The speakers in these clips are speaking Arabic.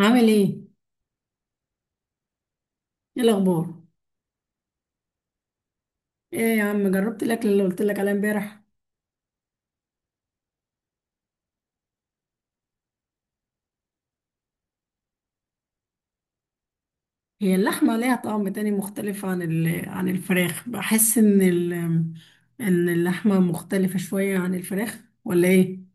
عامل ايه؟ ايه الاخبار؟ ايه يا عم، جربت الاكل اللي قلت لك عليه امبارح؟ هي اللحمه ليها طعم تاني مختلف عن عن الفراخ. بحس ان ان اللحمه مختلفه شويه عن الفراخ ولا ايه؟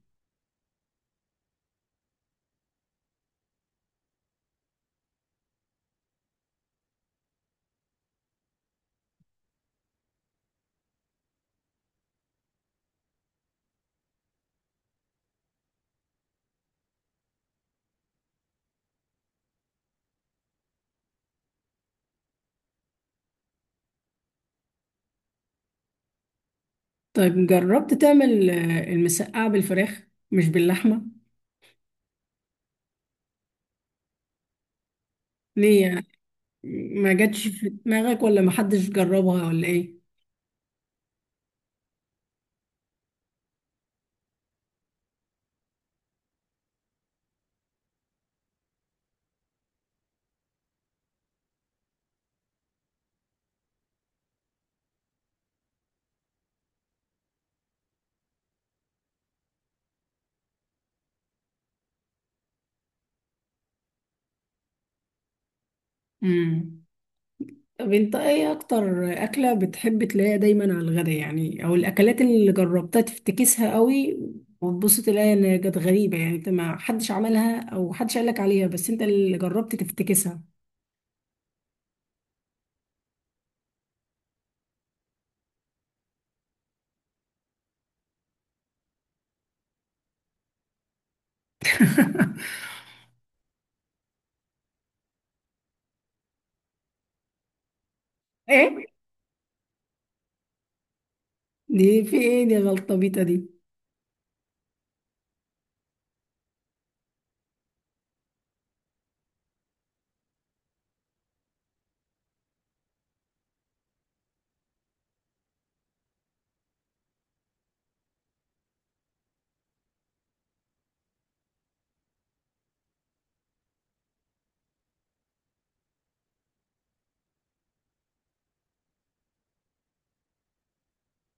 طيب جربت تعمل المسقعه بالفراخ مش باللحمه؟ ليه يعني؟ ما جاتش في دماغك ولا ما حدش جربها ولا ايه؟ امم طب انت ايه اكتر اكلة بتحب تلاقيها دايما على الغدا يعني، او الاكلات اللي جربتها تفتكسها قوي وتبص تلاقي ان كانت غريبة، يعني انت ما حدش عملها او حدش قالك عليها بس انت اللي جربت تفتكسها. ايه دي؟ في ايه دي؟ غلطة بيتا دي؟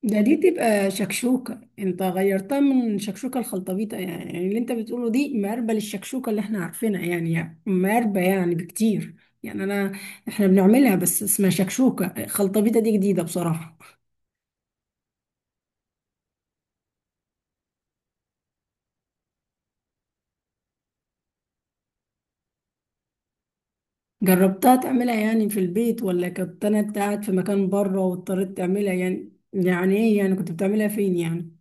دي تبقى شكشوكة، انت غيرتها من شكشوكة الخلطبيطة. يعني اللي انت بتقوله دي مقربة للشكشوكة اللي احنا عارفينها، يعني مقربة يعني بكتير. يعني انا، احنا بنعملها بس اسمها شكشوكة. خلطبيطة دي جديدة بصراحة. جربتها تعملها يعني في البيت، ولا كنت انا قاعد في مكان بره واضطريت تعملها؟ يعني ايه يعني؟ كنت بتعملها فين يعني؟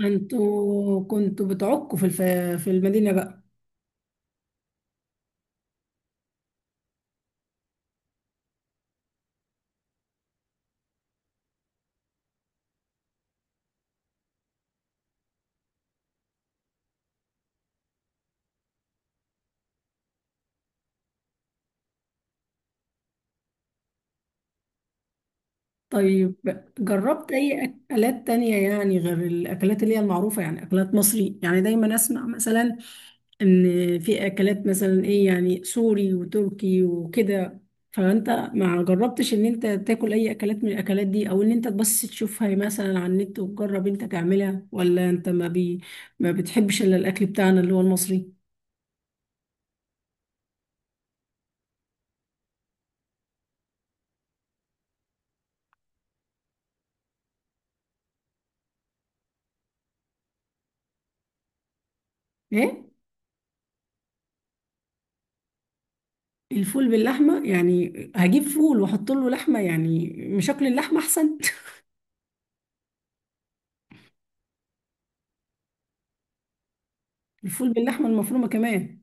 انتوا كنتوا بتعكوا في المدينة بقى؟ طيب جربت أي أكلات تانية يعني، غير الأكلات اللي هي المعروفة، يعني أكلات مصري؟ يعني دايما أسمع مثلا إن في أكلات مثلا إيه؟ يعني سوري وتركي وكده. فأنت ما جربتش إن أنت تاكل أي أكلات من الأكلات دي، أو إن أنت بس تشوفها مثلا على النت وتجرب أنت تعملها، ولا أنت ما بتحبش إلا الأكل بتاعنا اللي هو المصري؟ إيه؟ الفول باللحمة يعني هجيب فول وأحط له لحمة؟ يعني مش أكل اللحمة أحسن؟ الفول باللحمة المفرومة كمان؟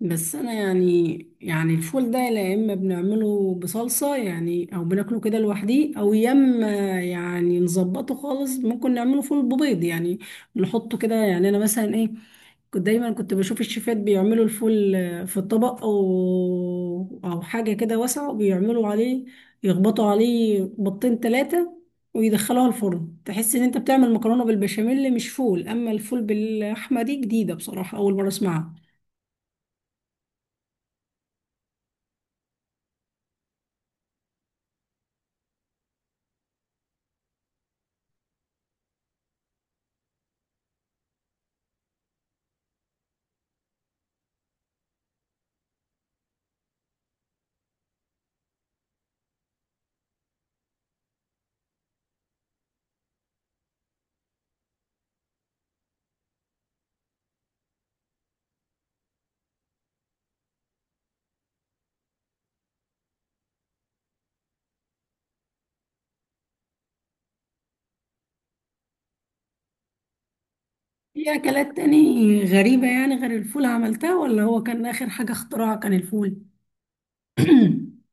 بس أنا يعني، يعني الفول ده يا إما بنعمله بصلصة يعني، أو بناكله كده لوحديه، أو يا إما يعني نظبطه خالص. ممكن نعمله فول ببيض يعني. نحطه كده يعني. أنا مثلا إيه، كنت دايما بشوف الشيفات بيعملوا الفول في الطبق او حاجه كده واسعه، وبيعملوا عليه، يخبطوا عليه بيضتين ثلاثه، ويدخلوها الفرن. تحس ان انت بتعمل مكرونه بالبشاميل مش فول. اما الفول باللحمه دي جديده بصراحه، اول مره اسمعها. في اكلات تاني غريبه يعني غير الفول عملتها، ولا هو كان اخر حاجه اختراع كان الفول؟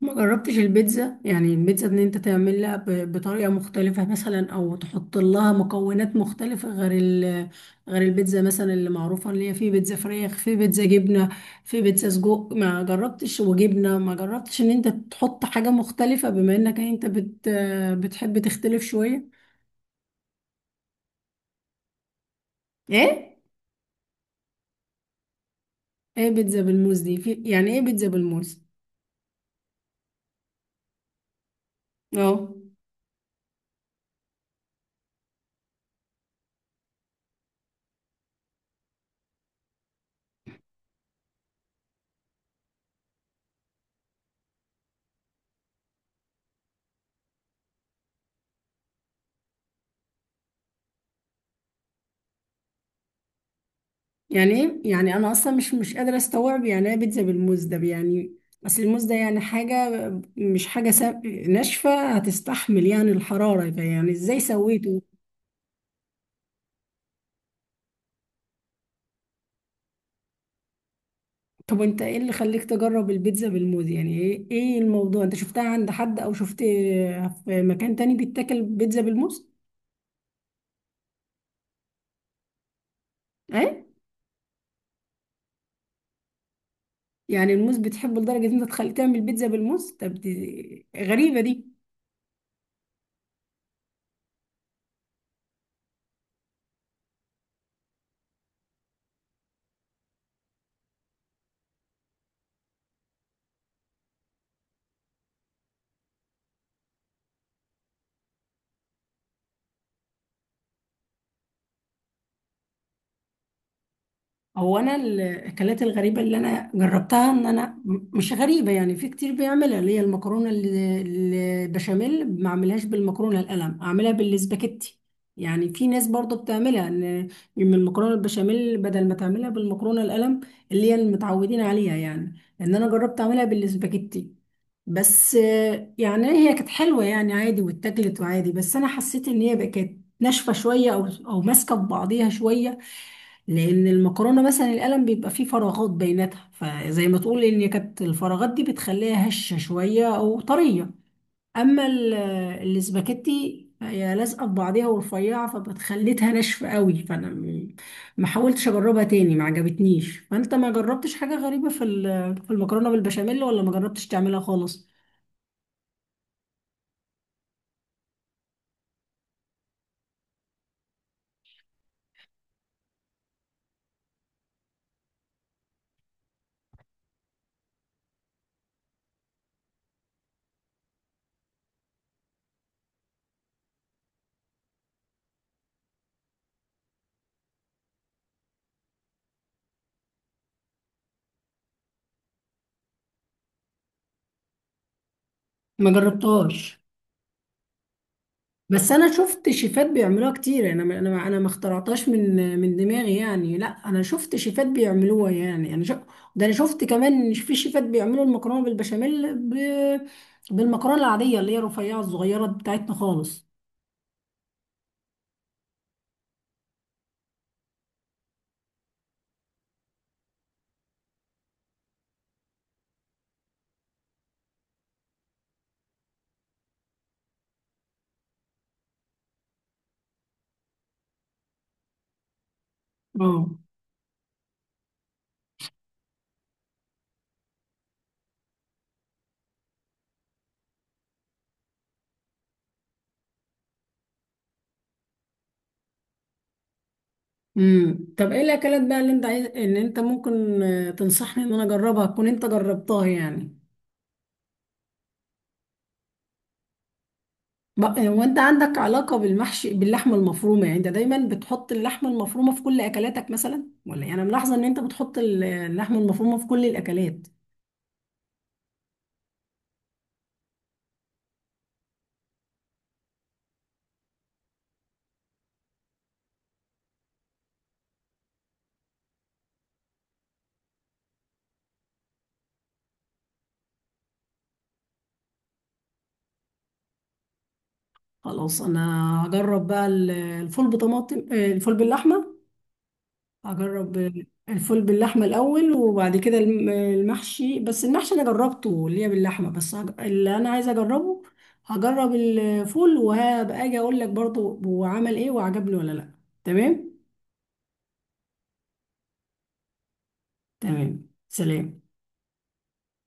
ما جربتش البيتزا؟ يعني البيتزا ان انت تعملها بطريقة مختلفة مثلا، او تحط لها مكونات مختلفة غير ال، غير البيتزا مثلا اللي معروفة، اللي هي في بيتزا فراخ، في بيتزا جبنة، في بيتزا سجق. ما جربتش؟ وجبنة ما جربتش ان انت تحط حاجة مختلفة، بما انك انت بتحب تختلف شوية؟ ايه؟ ايه بيتزا بالموز دي؟ في يعني ايه بيتزا بالموز؟ اه. يعني ايه يعني؟ انا اصلا مش قادره استوعب يعني ايه بيتزا بالموز ده يعني. اصل الموز ده يعني حاجه، مش حاجه ناشفه. هتستحمل يعني الحراره؟ يعني ازاي سويته؟ طب انت ايه اللي خليك تجرب البيتزا بالموز؟ يعني ايه، ايه الموضوع؟ انت شفتها عند حد، او شفت في مكان تاني بيتاكل بيتزا بالموز؟ ايه؟ يعني الموز بتحبه لدرجه ان انت تخلي تعمل بيتزا بالموز؟ طب دي غريبه دي. هو انا الاكلات الغريبه اللي انا جربتها ان انا مش غريبه، يعني في كتير بيعملها، اللي هي المكرونه البشاميل. ما اعملهاش بالمكرونه القلم، اعملها بالسباكيتي. يعني في ناس برضو بتعملها ان من المكرونه البشاميل، بدل ما تعملها بالمكرونه القلم اللي هي المتعودين عليها. يعني لان انا جربت اعملها بالسباكيتي، بس يعني هي كانت حلوه يعني عادي، واتاكلت وعادي، بس انا حسيت ان هي بقت ناشفه شويه، او ماسكه في بعضيها شويه، لان المكرونه مثلا القلم بيبقى فيه فراغات بيناتها، فزي ما تقول ان كانت الفراغات دي بتخليها هشه شويه او طريه. اما الاسباجيتي هي لازقه في بعضيها ورفيعه، فبتخليتها ناشفه قوي. فانا ما حاولتش اجربها تاني، ما عجبتنيش. فانت ما جربتش حاجه غريبه في في المكرونه بالبشاميل، ولا ما جربتش تعملها خالص؟ ما جربتهاش؟ بس انا شفت شيفات بيعملوها كتير، يعني انا ما اخترعتهاش من دماغي يعني. لا، انا شفت شيفات بيعملوها، يعني ده انا شفت كمان إن في شيفات بيعملوا المكرونه بالبشاميل، بالمكرونه العاديه اللي هي رفيعه، الصغيره بتاعتنا خالص. اه. طب ايه الاكلات بقى اللي انت عايز ان انت ممكن تنصحني ان انا اجربها، تكون انت جربتها يعني؟ هو انت عندك علاقة بالمحشي باللحمة المفرومة؟ يعني انت دايما بتحط اللحمة المفرومة في كل اكلاتك مثلا؟ ولا يعني انا ملاحظة ان انت بتحط اللحمة المفرومة في كل الاكلات. خلاص انا هجرب بقى الفول بطماطم، الفول باللحمة. هجرب الفول باللحمة الاول، وبعد كده المحشي. بس المحشي انا جربته اللي هي باللحمة، بس اللي انا عايزة اجربه هجرب الفول، وهبقى اجي اقول لك برضه هو عمل ايه وعجبني ولا لا. تمام. تمام، سلام.